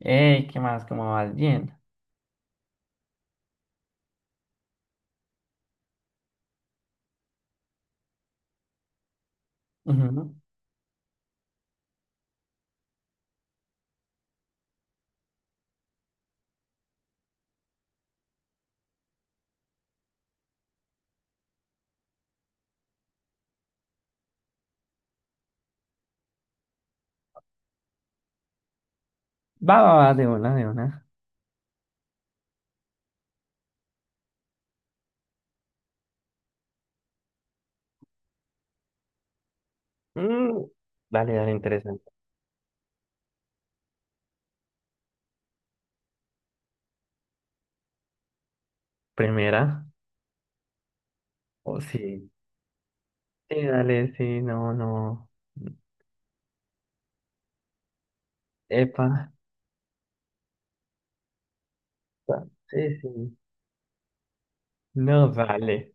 Ey, ¿qué más? ¿Cómo vas? Bien. Ujú. Va, va, va, de una, de una. Mm, Dale, dale, interesante. Primera. Oh, sí. Sí, dale, sí, no, no. Epa. Ah, sí, sí. No, vale.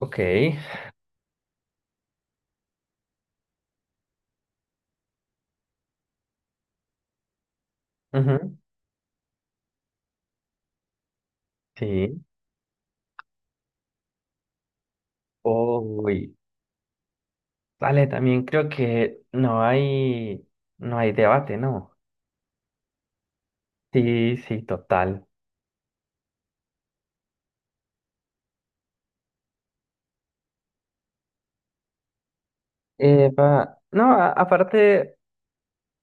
Ok. Ujú. Sí. Uy. Vale, también creo que no hay debate, ¿no? Sí, sí, total. Epa. No, a- aparte,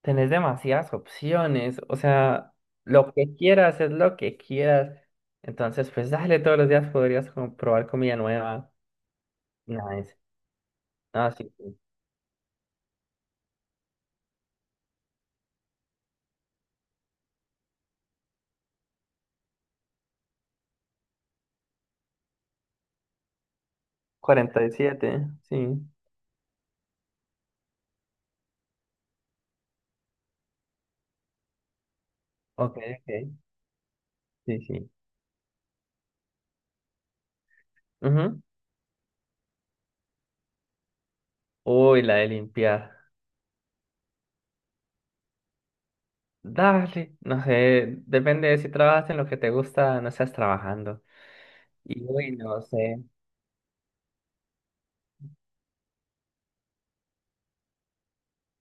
tenés demasiadas opciones, o sea, lo que quieras es lo que quieras. Entonces, pues dale, todos los días podrías como probar comida nueva. Nice. Ah, sí, sí. 47, sí. Ok, ok, sí, sí. Ujú. Uy, la de limpiar. Dale, no sé, depende de si trabajas en lo que te gusta, no estás trabajando. Y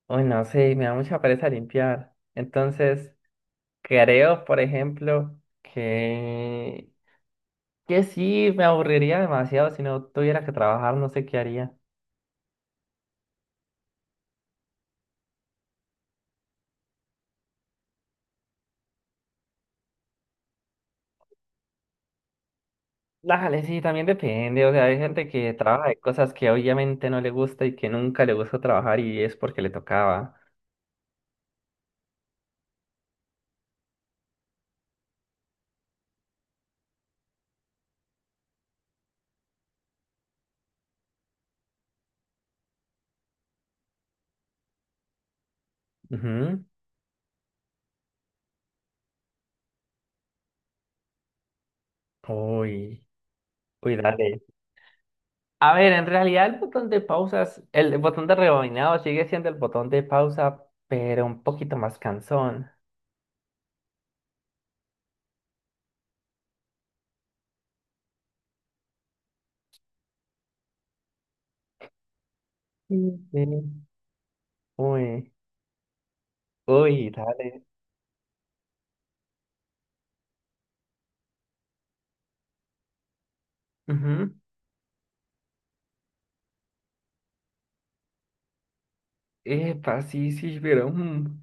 uy, no sé, me da mucha pereza limpiar. Entonces, creo, por ejemplo, que... que sí, me aburriría demasiado si no tuviera que trabajar, no sé qué haría. Dale, sí, también depende. O sea, hay gente que trabaja de cosas que obviamente no le gusta y que nunca le gusta trabajar y es porque le tocaba. Ujú. Uy, uy, dale. A ver, en realidad el botón de pausas, el botón de rebobinado sigue siendo el botón de pausa, pero un poquito más cansón. Sí, sí. Uy, uy, dale. Ujú. Epa, sí, sí, pero.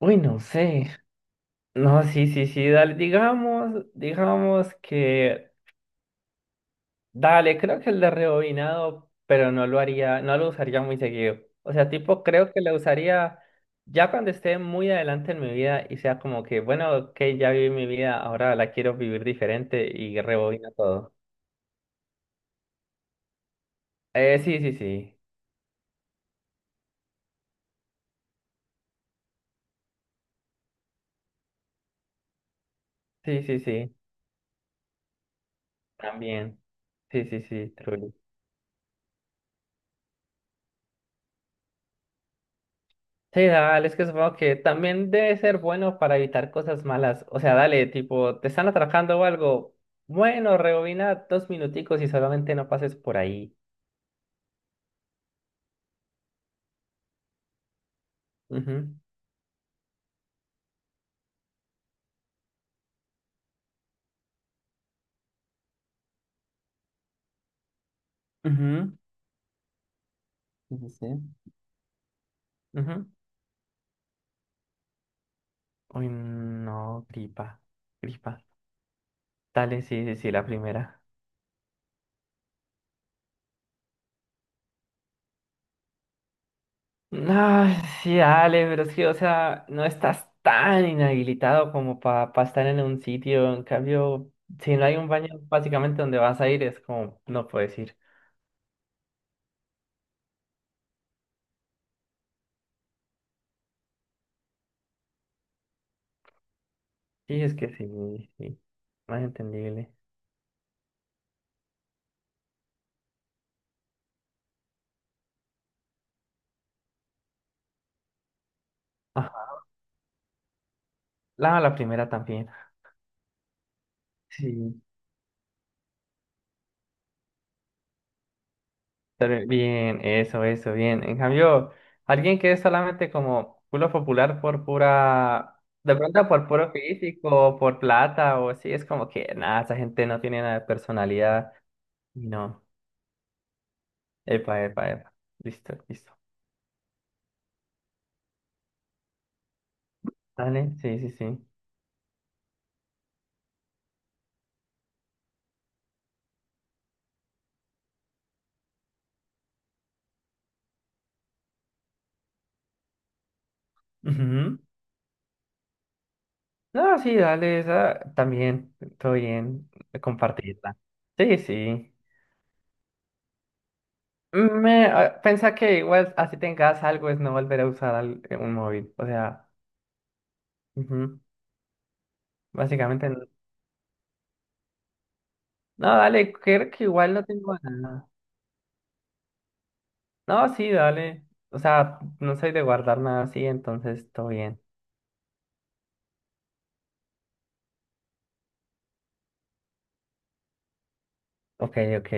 Uy, no sé. No, sí, sí, sí, dale, dale, creo que el de rebobinado, pero no lo haría, no lo usaría muy seguido. O sea, tipo, creo que lo usaría ya cuando esté muy adelante en mi vida y sea como que, bueno, ok, ya viví mi vida, ahora la quiero vivir diferente y rebobina todo. Sí, sí, sí, sí, sí, sí, también, sí, sí, sí, true. Sí, dale, es que supongo que también debe ser bueno para evitar cosas malas. O sea, dale, tipo, te están atracando o algo. Bueno, rebobina dos minuticos y solamente no pases por ahí. Ujú, ujú, sí, sí, sí. Ujú. Uy, no, gripa, gripa. Dale, sí, sí, sí, la primera. No, sí, dale, pero es que, o sea, no estás tan inhabilitado como para estar en un sitio. En cambio, si no hay un baño básicamente donde vas a ir, es como, no puedes ir. Sí, es que sí, sí, más entendible. Ajá, la primera también. Sí, pero bien, eso, bien. En cambio, alguien que es solamente como culo popular por pura, de pronto por puro físico, por plata o así, es como que nada, esa gente no tiene nada de personalidad. Y no, epa, epa, epa. Listo, listo. Dale, sí, sí, sí. Ujú. No, sí, dale, esa también, todo bien, compartirla. Sí, sí. Pensa que igual así tengas algo es no volver a usar un móvil. O sea, ujú, básicamente no. No, dale, creo que igual no tengo nada. No, sí, dale. O sea, no soy de guardar nada así, entonces todo bien. Ok, ok.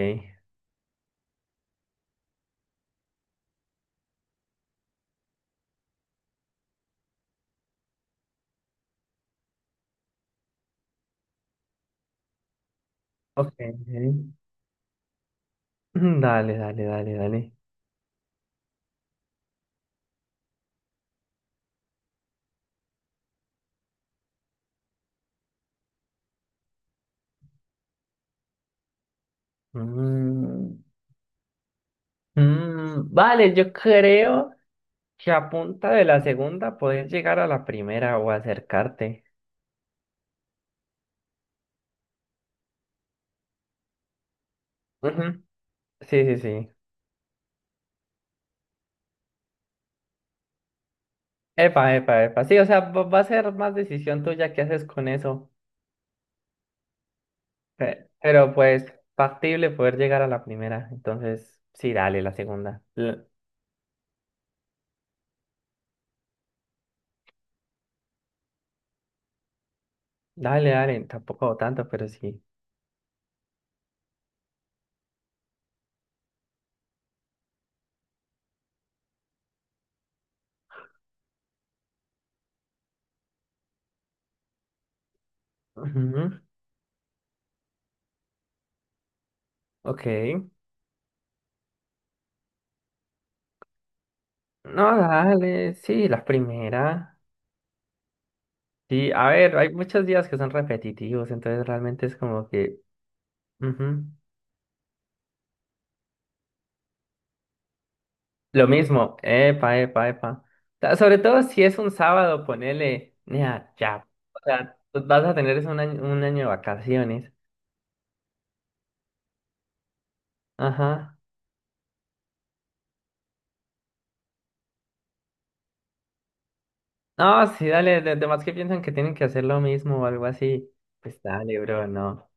Ok. Dale, dale, dale, dale. Mm, vale, yo creo que a punta de la segunda podés llegar a la primera o acercarte. Ujú, sí, sí, sí. Epa, epa, epa. Sí, o sea, va a ser más decisión tuya qué haces con eso. Pero pues factible poder llegar a la primera. Entonces, sí, dale, la segunda. L- Dale, dale, tampoco tanto, pero sí. Ujú, ok. No, dale, sí, la primera. Sí, a ver, hay muchos días que son repetitivos, entonces realmente es como que... ujú. Lo mismo, epa, epa, epa. Ta- Sobre todo si es un sábado, ponele, nea, ya. O sea, tú vas a tener es un año de vacaciones. Ajá. No, sí, dale, de, además que piensan que tienen que hacer lo mismo o algo así. Pues dale, bro, no.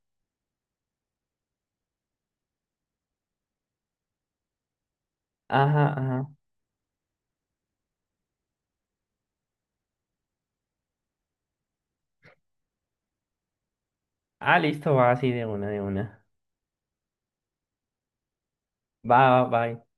Ajá, ajá. Ah, listo, va así de una, de una. Va, va, va.